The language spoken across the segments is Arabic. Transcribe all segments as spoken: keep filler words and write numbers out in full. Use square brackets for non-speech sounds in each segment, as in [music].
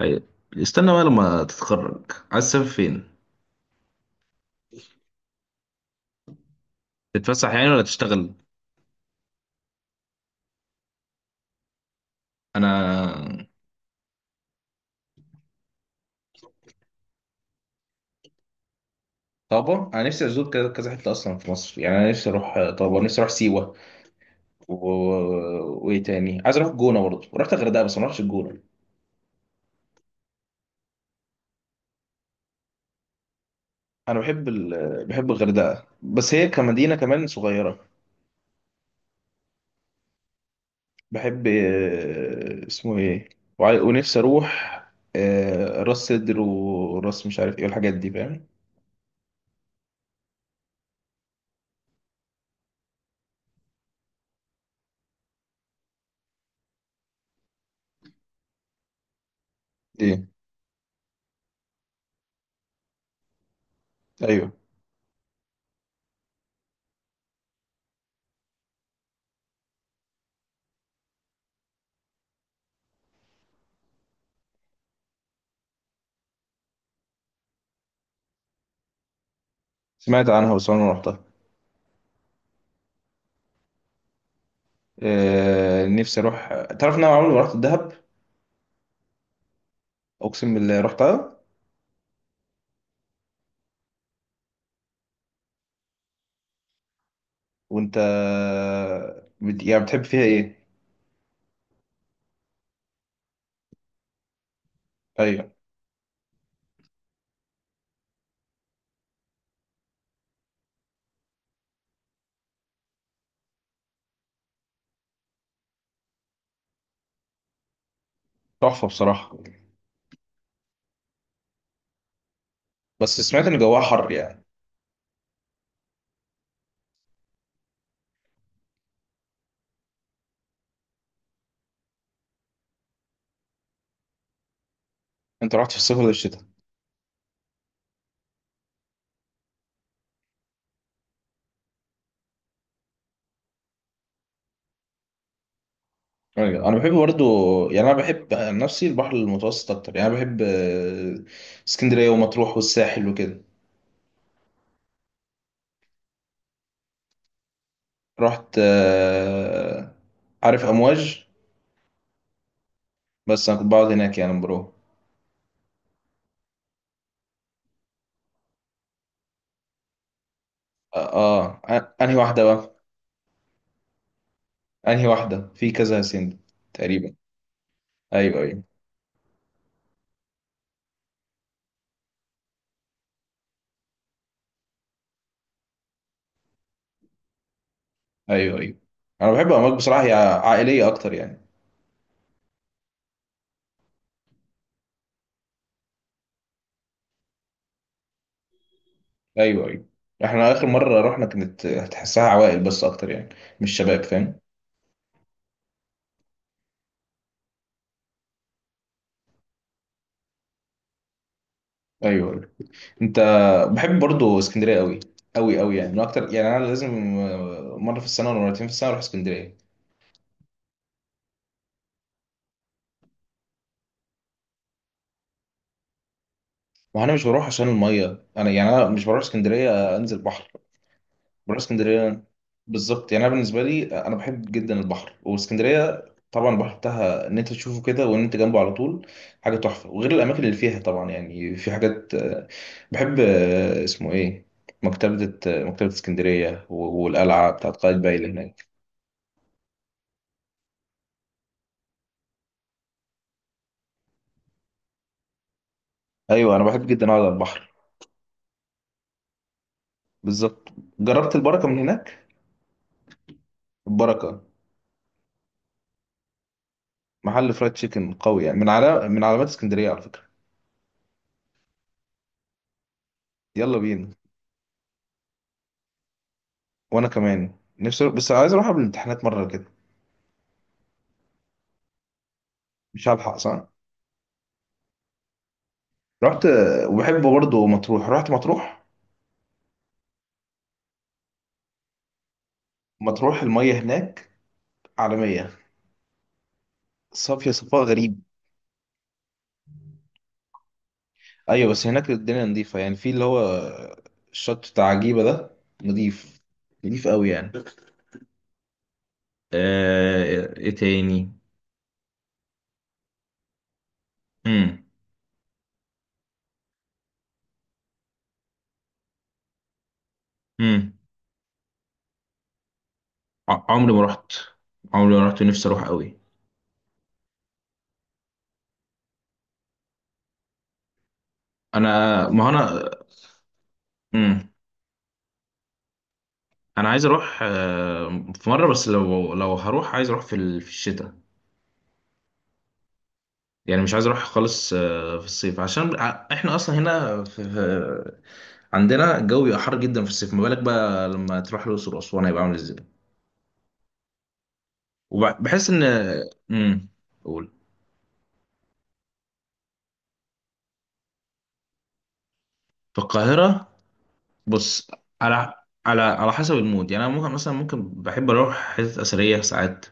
أيوة. استنى بقى لما تتخرج، عايز تسافر فين؟ تتفسح يعني ولا تشتغل؟ انا. طابة، انا نفسي ازور كذا كذا حته اصلا في مصر، يعني انا نفسي اروح طابة. نفسي اروح سيوه، و... وايه تاني عايز اروح الجونه برضه، ورحت الغردقه بس ما رحتش الجونه. انا بحب ال... بحب الغردقه، بس هي كمدينه كمان صغيره. بحب آه، اسمه ايه. وع- ونفسي اروح آه، راس سدر وراس مش عارف ايه والحاجات دي فاهم. ايه. ايوه. سمعت عنها بس انا ما رحتها. آه، نفسي اروح. تعرف ان انا عمري ما رحت الدهب، اقسم بالله رحتها. وانت بت... يعني بتحب فيها ايه؟ ايوه، تحفه بصراحه. بس سمعت ان جواها حر يعني. انت رحت في الصيف ولا الشتاء؟ ايوه، انا بحب برضو، يعني انا بحب عن نفسي البحر المتوسط اكتر، يعني أنا بحب آه، اسكندريه ومطروح والساحل وكده. رحت آه، عارف امواج؟ بس انا كنت بقعد هناك، يعني برو اه آه، انهي واحده بقى؟ انهي واحده في كذا سند تقريبا. ايوه، ايوه. ايوه، ايوه. انا بحب امواج بصراحه، هي عائليه اكتر يعني. ايوه، ايوه. احنا اخر مره رحنا كانت هتحسها عوائل بس اكتر يعني، مش شباب فاهم. ايوه، ايوه. انت. بحب برضو اسكندريه قوي، قوي قوي، يعني من اكتر، يعني انا لازم مره في السنه ولا مرتين في السنه اروح اسكندريه. وانا مش بروح عشان الميه، انا يعني انا مش بروح اسكندريه انزل بحر. بروح اسكندريه. بالظبط، يعني انا بالنسبه لي انا بحب جدا البحر واسكندريه. طبعا البحر بتاعها ان انت تشوفه كده، وان انت جنبه على طول حاجه تحفه، وغير الاماكن اللي فيها طبعا. يعني في حاجات آه، بحب آه، اسمه ايه. مكتبه آه، مكتبه اسكندريه، و- والقلعه بتاعت قايتباي اللي هناك. ايوه، انا بحب جدا اقعد على البحر. بالظبط. جربت البركه من هناك؟ البركه محل فرايد تشيكن قوي، يعني من على من علامات اسكندريه على فكره. يلا بينا. وانا كمان نفسي، بس عايز اروح قبل الامتحانات مره كده. مش هلحق صح؟ رحت. وبحب برضه مطروح، رحت مطروح. مطروح المية هناك عالمية، صافية، صفاء غريب. أيوة، بس هناك الدنيا نظيفة يعني، في اللي هو الشط بتاع عجيبة ده نظيف. نظيف قوي يعني. آه، إيه تاني. مم. مم. ع- عمري ما رحت عمري ما رحت ونفسي أروح قوي. أنا، ما هو أنا. مم. أنا عايز أروح آه، في مرة، بس لو لو هروح، عايز أروح في ال- في الشتاء. يعني مش عايز اروح خالص آه، في الصيف، عشان ع- احنا اصلا هنا في في- عندنا الجو بيبقى حر جدا في الصيف، ما بالك بقى لما تروح الاقصر واسوان، هيبقى عامل ازاي. وبحس ان... امم قول. في القاهره، بص، على على على حسب المود، يعني انا ممكن مثلا، ممكن بحب اروح حتت اثريه ساعات.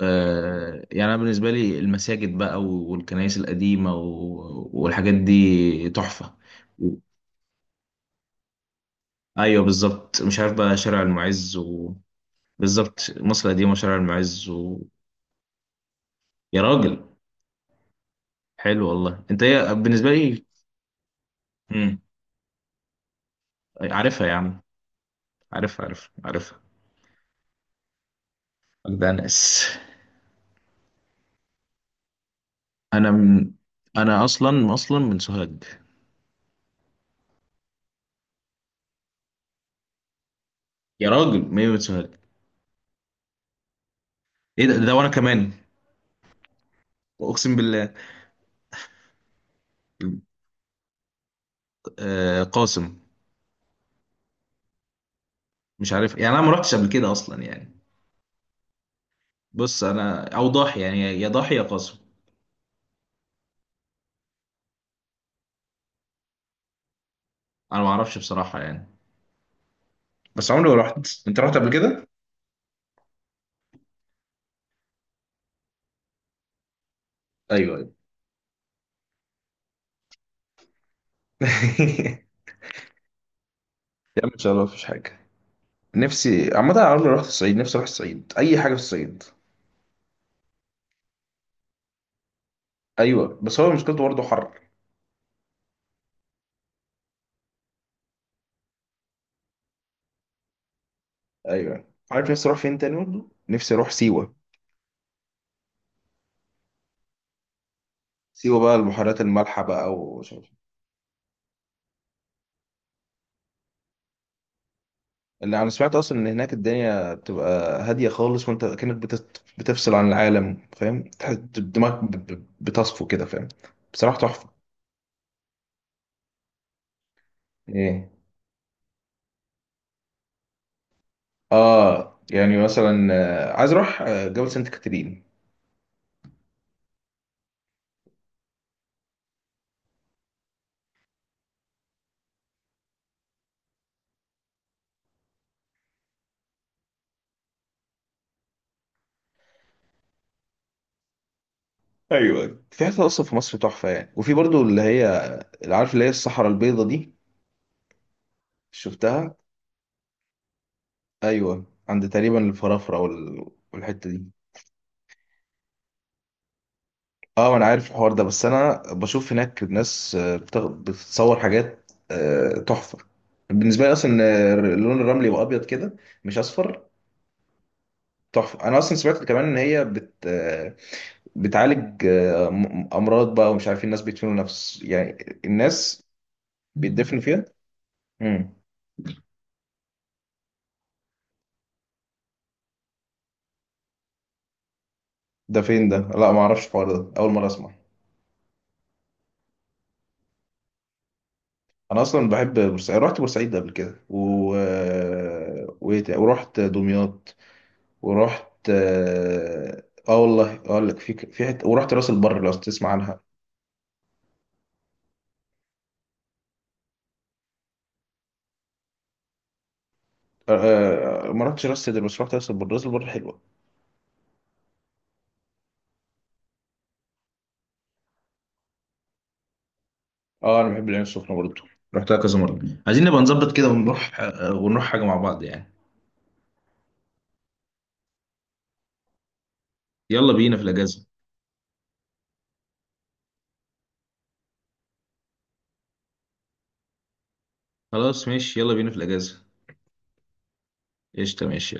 آه، يعني انا بالنسبه لي المساجد بقى والكنائس القديمه و- والحاجات دي تحفه. ايوه بالظبط، مش عارف بقى، شارع المعز. بالظبط، مصر القديمة وشارع المعز و... يا راجل. حلو والله، انت ايه بالنسبة لي. مم. عارفها يا عم. عارفها، عارفها، عارفها. ده ناس. انا من... انا اصلا اصلا من سوهاج. يا راجل، ما هي من سوهاج. ايه ده, ده وانا كمان. اقسم بالله. آه، قاسم. مش عارف يعني، انا ما رحتش قبل كده اصلا يعني. بص انا، او ضاحي، يعني يا ضاحي يا قاسم. انا ما اعرفش بصراحة يعني، بس عمري ما رحت. انت رحت قبل كده؟ ايوه، ايوه. [laughs] يا عم ان شاء الله مفيش حاجة. نفسي عامة، أنا عمري ما رحت الصعيد، نفسي أروح الصعيد، أي حاجة في الصعيد. أيوه، بس هو مشكلته برضه حر. أيوه عارف، نفسي أروح فين تاني برضه؟ نفسي أروح سيوة. سيوة بقى، البحيرات المالحة بقى ومش عارف إيه. اللي أنا سمعت أصلا إن هناك الدنيا بتبقى هادية خالص، وأنت كأنك بتت... بتفصل عن العالم، فاهم، تح- دماغك ب- ب- بتصفو كده، فاهم. بصراحة تحفة. إيه. آه يعني مثلا آه، عايز أروح آه، جبل سانت كاترين. ايوه، في حتت اصلا في مصر تحفه يعني، وفي برضو اللي هي، اللي عارف اللي هي الصحراء البيضاء دي. شفتها. ايوه، عند تقريبا الفرافره وال- والحته دي. اه، انا عارف الحوار ده، بس انا بشوف هناك ناس آه، بتغ- بتصور حاجات آه، تحفه. بالنسبه لي اصلا إن اللون الرملي يبقى ابيض كده، مش اصفر. تحفه. انا اصلا سمعت كمان ان هي بت آه، بتعالج آه، م- امراض بقى. ومش عارفين، الناس بيدفنوا نفس، يعني الناس بيدفنوا فيها. امم. ده فين ده؟ لا، ما اعرفش الحوار ده، اول مره اسمع. انا اصلا بحب بورسعيد، رحت بورسعيد قبل كده و... و... ورحت دمياط. ورحت اه آه والله اقول لك، في في حته، ورحت راس البر لو تسمع عنها. آه آه، ما رحتش راس سدر، بس رحت راس البر. راس البر حلوه. اه، انا بحب العين السخنه برضه، رحتها كذا مره. عايزين نبقى نظبط كده ونروح، آه، ونروح حاجه مع بعض يعني. يلا بينا في الاجازه. خلاص ماشي، يلا بينا في الاجازه. قشطه، ماشي.